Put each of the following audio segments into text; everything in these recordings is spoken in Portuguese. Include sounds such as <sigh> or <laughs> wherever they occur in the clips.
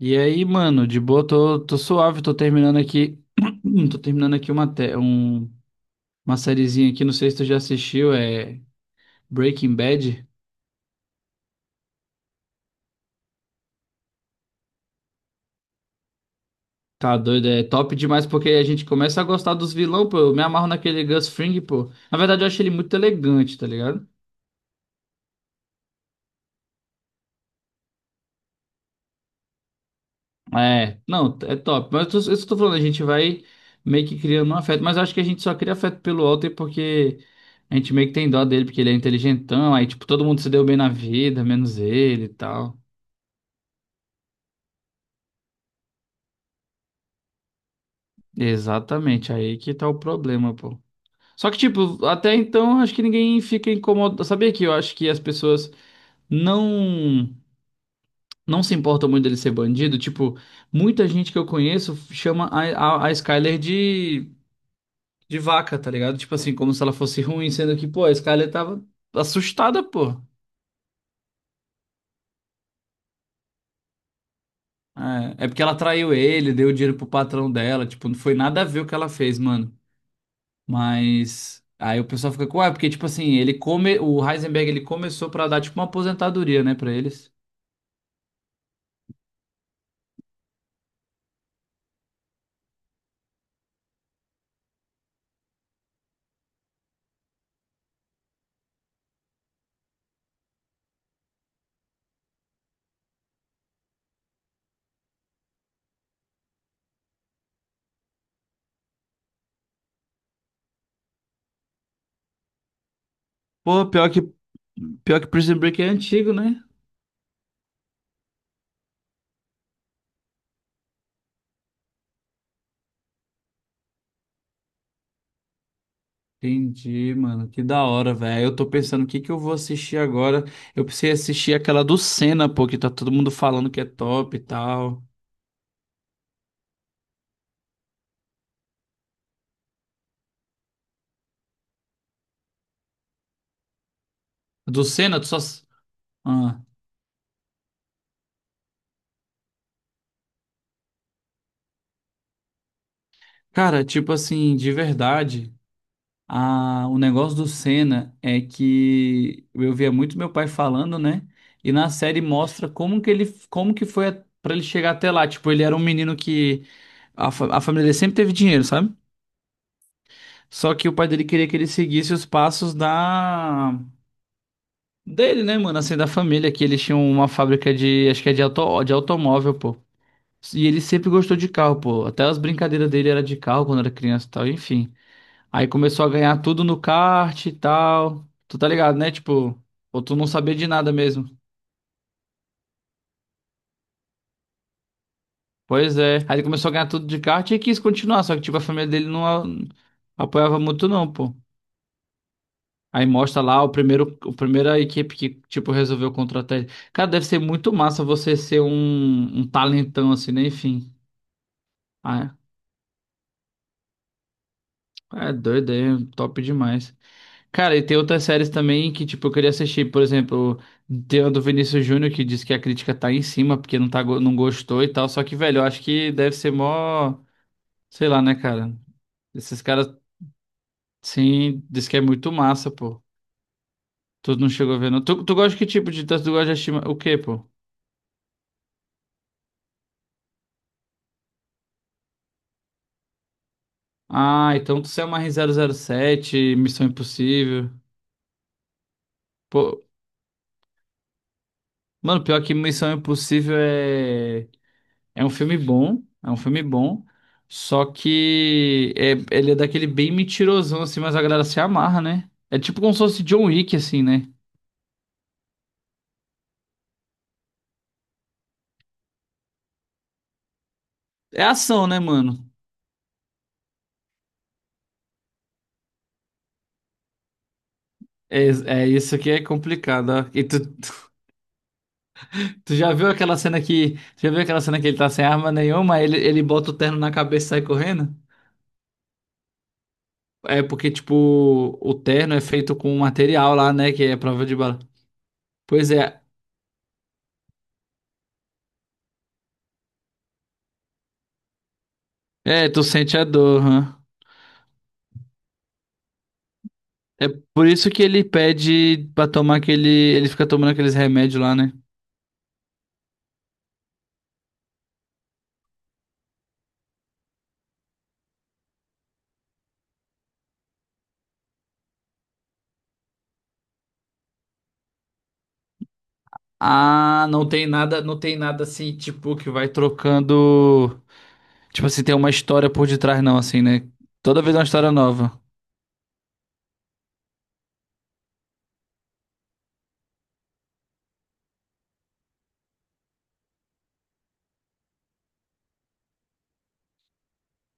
E aí, mano, de boa, tô suave, tô terminando aqui. <clears throat> Tô terminando aqui uma sériezinha aqui, não sei se tu já assistiu, é Breaking Bad. Tá doido, é top demais porque a gente começa a gostar dos vilão, pô. Eu me amarro naquele Gus Fring, pô. Na verdade, eu acho ele muito elegante, tá ligado? É, não, é top. Mas eu tô falando, a gente vai meio que criando um afeto, mas eu acho que a gente só cria afeto pelo Walter porque a gente meio que tem dó dele, porque ele é inteligentão, aí, tipo, todo mundo se deu bem na vida, menos ele e tal. Exatamente, aí que tá o problema, pô. Só que, tipo, até então acho que ninguém fica incomodado. Sabia que eu acho que as pessoas não não se importam muito dele ser bandido? Tipo, muita gente que eu conheço chama a Skyler de vaca, tá ligado? Tipo assim, como se ela fosse ruim, sendo que, pô, a Skyler tava assustada, pô. É, é porque ela traiu ele, deu dinheiro pro patrão dela, tipo, não foi nada a ver o que ela fez, mano. Mas aí o pessoal fica com, ah, porque tipo assim, ele come, o Heisenberg ele começou pra dar tipo uma aposentadoria, né, pra eles. Pô, pior que Prison Break é antigo, né? Entendi, mano. Que da hora, velho. Eu tô pensando o que que eu vou assistir agora. Eu precisei assistir aquela do Senna, pô, que tá todo mundo falando que é top e tal. Do Senna, tu só. Ah. Cara, tipo assim, de verdade. O negócio do Senna é que eu via muito meu pai falando, né? E na série mostra como que ele, como que pra ele chegar até lá. Tipo, ele era um menino que a família dele sempre teve dinheiro, sabe? Só que o pai dele queria que ele seguisse os passos da dele, né, mano? Assim, da família, que eles tinham uma fábrica de, acho que é de auto, de automóvel, pô. E ele sempre gostou de carro, pô. Até as brincadeiras dele era de carro quando era criança e tal, enfim. Aí começou a ganhar tudo no kart e tal. Tu tá ligado, né? Tipo, ou tu não sabia de nada mesmo. Pois é. Aí ele começou a ganhar tudo de kart e quis continuar, só que tipo a família dele apoiava muito não, pô. Aí mostra lá o primeiro, o primeira equipe que tipo resolveu contratar ele. Cara, deve ser muito massa você ser um talentão assim, né? Enfim. Ah, é é doido, é top demais. Cara, e tem outras séries também que, tipo, eu queria assistir, por exemplo, tem a do Vinícius Júnior que diz que a crítica tá em cima porque não, tá, não gostou e tal, só que, velho, eu acho que deve ser mó, sei lá, né, cara? Esses caras, sim, diz que é muito massa, pô. Tu não chegou a ver, não. Tu, tu gosta de que tipo de... Tu gosta de assistir o quê, pô? Ah, então tu é uma R zero zero sete Missão Impossível. Pô, mano, pior que Missão Impossível é é um filme bom, só que ele é daquele bem mentirosão, assim, mas a galera se amarra, né? É tipo como se fosse John Wick, assim, né? É ação, né, mano? É, é isso que é complicado, ó. E tu, tu já viu aquela cena que. Tu já viu aquela cena que ele tá sem arma nenhuma, aí ele bota o terno na cabeça e sai correndo? É porque, tipo, o terno é feito com um material lá, né? Que é prova de bala. Pois é. É, tu sente a dor, hã? É por isso que ele pede pra tomar aquele. Ele fica tomando aqueles remédios lá, né? Ah, não tem nada assim, tipo, que vai trocando. Tipo assim, tem uma história por detrás, não, assim, né? Toda vez é uma história nova.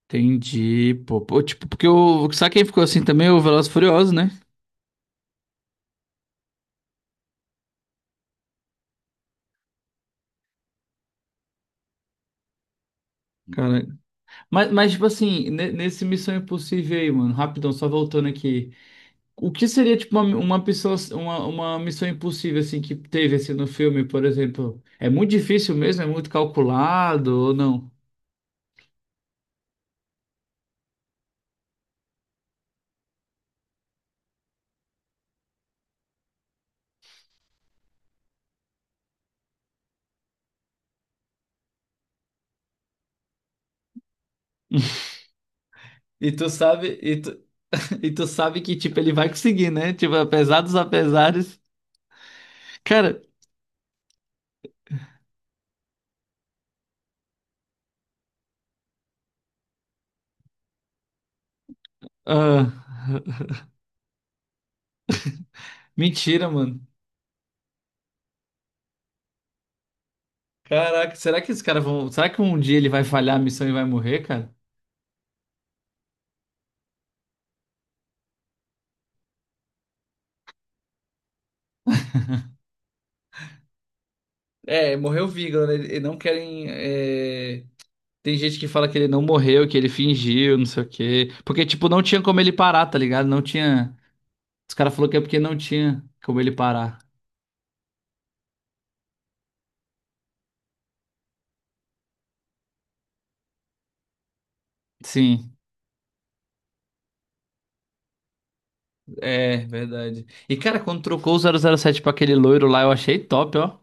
Entendi, pô. Pô, tipo, porque o. Sabe quem ficou assim também? O Velozes e Furiosos, né? Cara. Mas, tipo assim, nesse Missão Impossível aí, mano, rapidão, só voltando aqui. O que seria tipo uma pessoa, uma missão impossível assim que teve assim no filme, por exemplo? É muito difícil mesmo, é muito calculado ou não? E tu sabe, e tu, <laughs> E tu sabe que, tipo, ele vai conseguir, né? Tipo, apesar dos apesares. Cara, ah, <laughs> mentira, mano. Caraca, será que esses caras vão. Será que um dia ele vai falhar a missão e vai morrer, cara? É, morreu o Vigor, né? Eles não querem. É, tem gente que fala que ele não morreu, que ele fingiu, não sei o quê. Porque, tipo, não tinha como ele parar, tá ligado? Não tinha. Os caras falaram que é porque não tinha como ele parar. Sim, é verdade. E, cara, quando trocou o 007 pra aquele loiro lá, eu achei top, ó.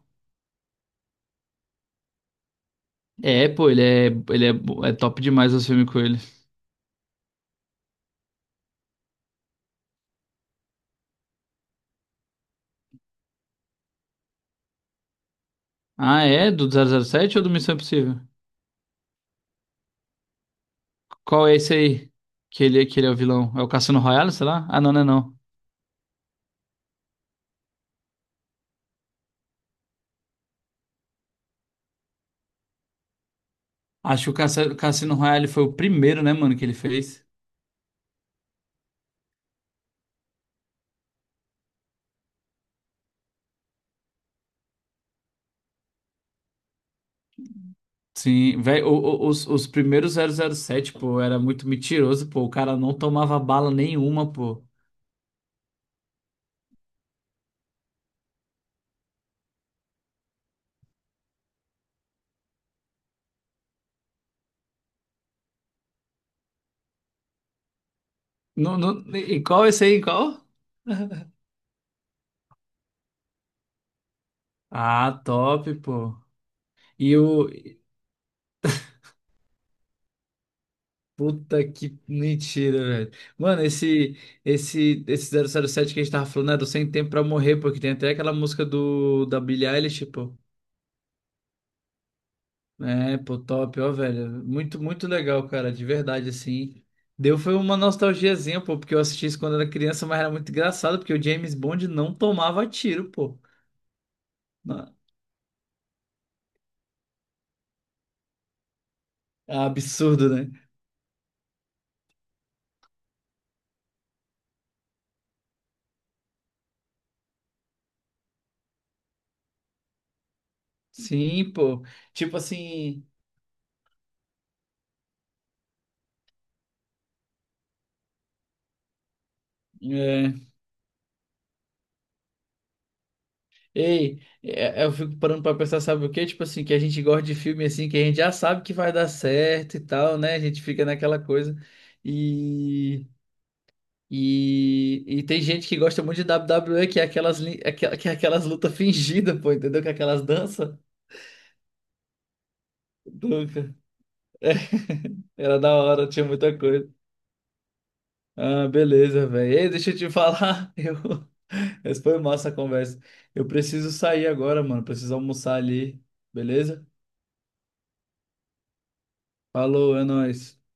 É, pô, é top demais os filmes com ele. Ah, é? Do 007 ou do Missão Impossível? Qual é esse aí? Que ele é o vilão? É o Cassino Royale, sei lá? Ah, não, não é não. Acho que o Cassino Royale foi o primeiro, né, mano, que ele fez. Sim, velho, os primeiros zero zero sete pô, era muito mentiroso, pô. O cara não tomava bala nenhuma, pô. Não, não, e qual esse aí? Em qual? Ah, top, pô. E o. Puta que mentira, velho. Mano, esse zero zero sete que a gente tava falando era o Sem Tempo Pra Morrer, pô, que tem até aquela música do, da Billie Eilish, pô. É, pô, top, ó, velho. Muito, muito legal, cara, de verdade, assim. Deu foi uma nostalgiazinha, pô, porque eu assisti isso quando era criança, mas era muito engraçado, porque o James Bond não tomava tiro, pô. Na- É absurdo, né? Sim, pô. Tipo assim. É... Ei, eu fico parando pra pensar, sabe o quê? Tipo assim, que a gente gosta de filme assim, que a gente já sabe que vai dar certo e tal, né? A gente fica naquela coisa. E tem gente que gosta muito de WWE, que é aquelas, que é aquelas lutas fingidas, pô, entendeu? Que é aquelas danças. Nunca. É, <laughs> era da hora, tinha muita coisa. Ah, beleza, velho. Ei, deixa eu te falar. <laughs> Eu... Essa foi massa a conversa. Eu preciso sair agora, mano. Preciso almoçar ali. Beleza? Falou, é nóis.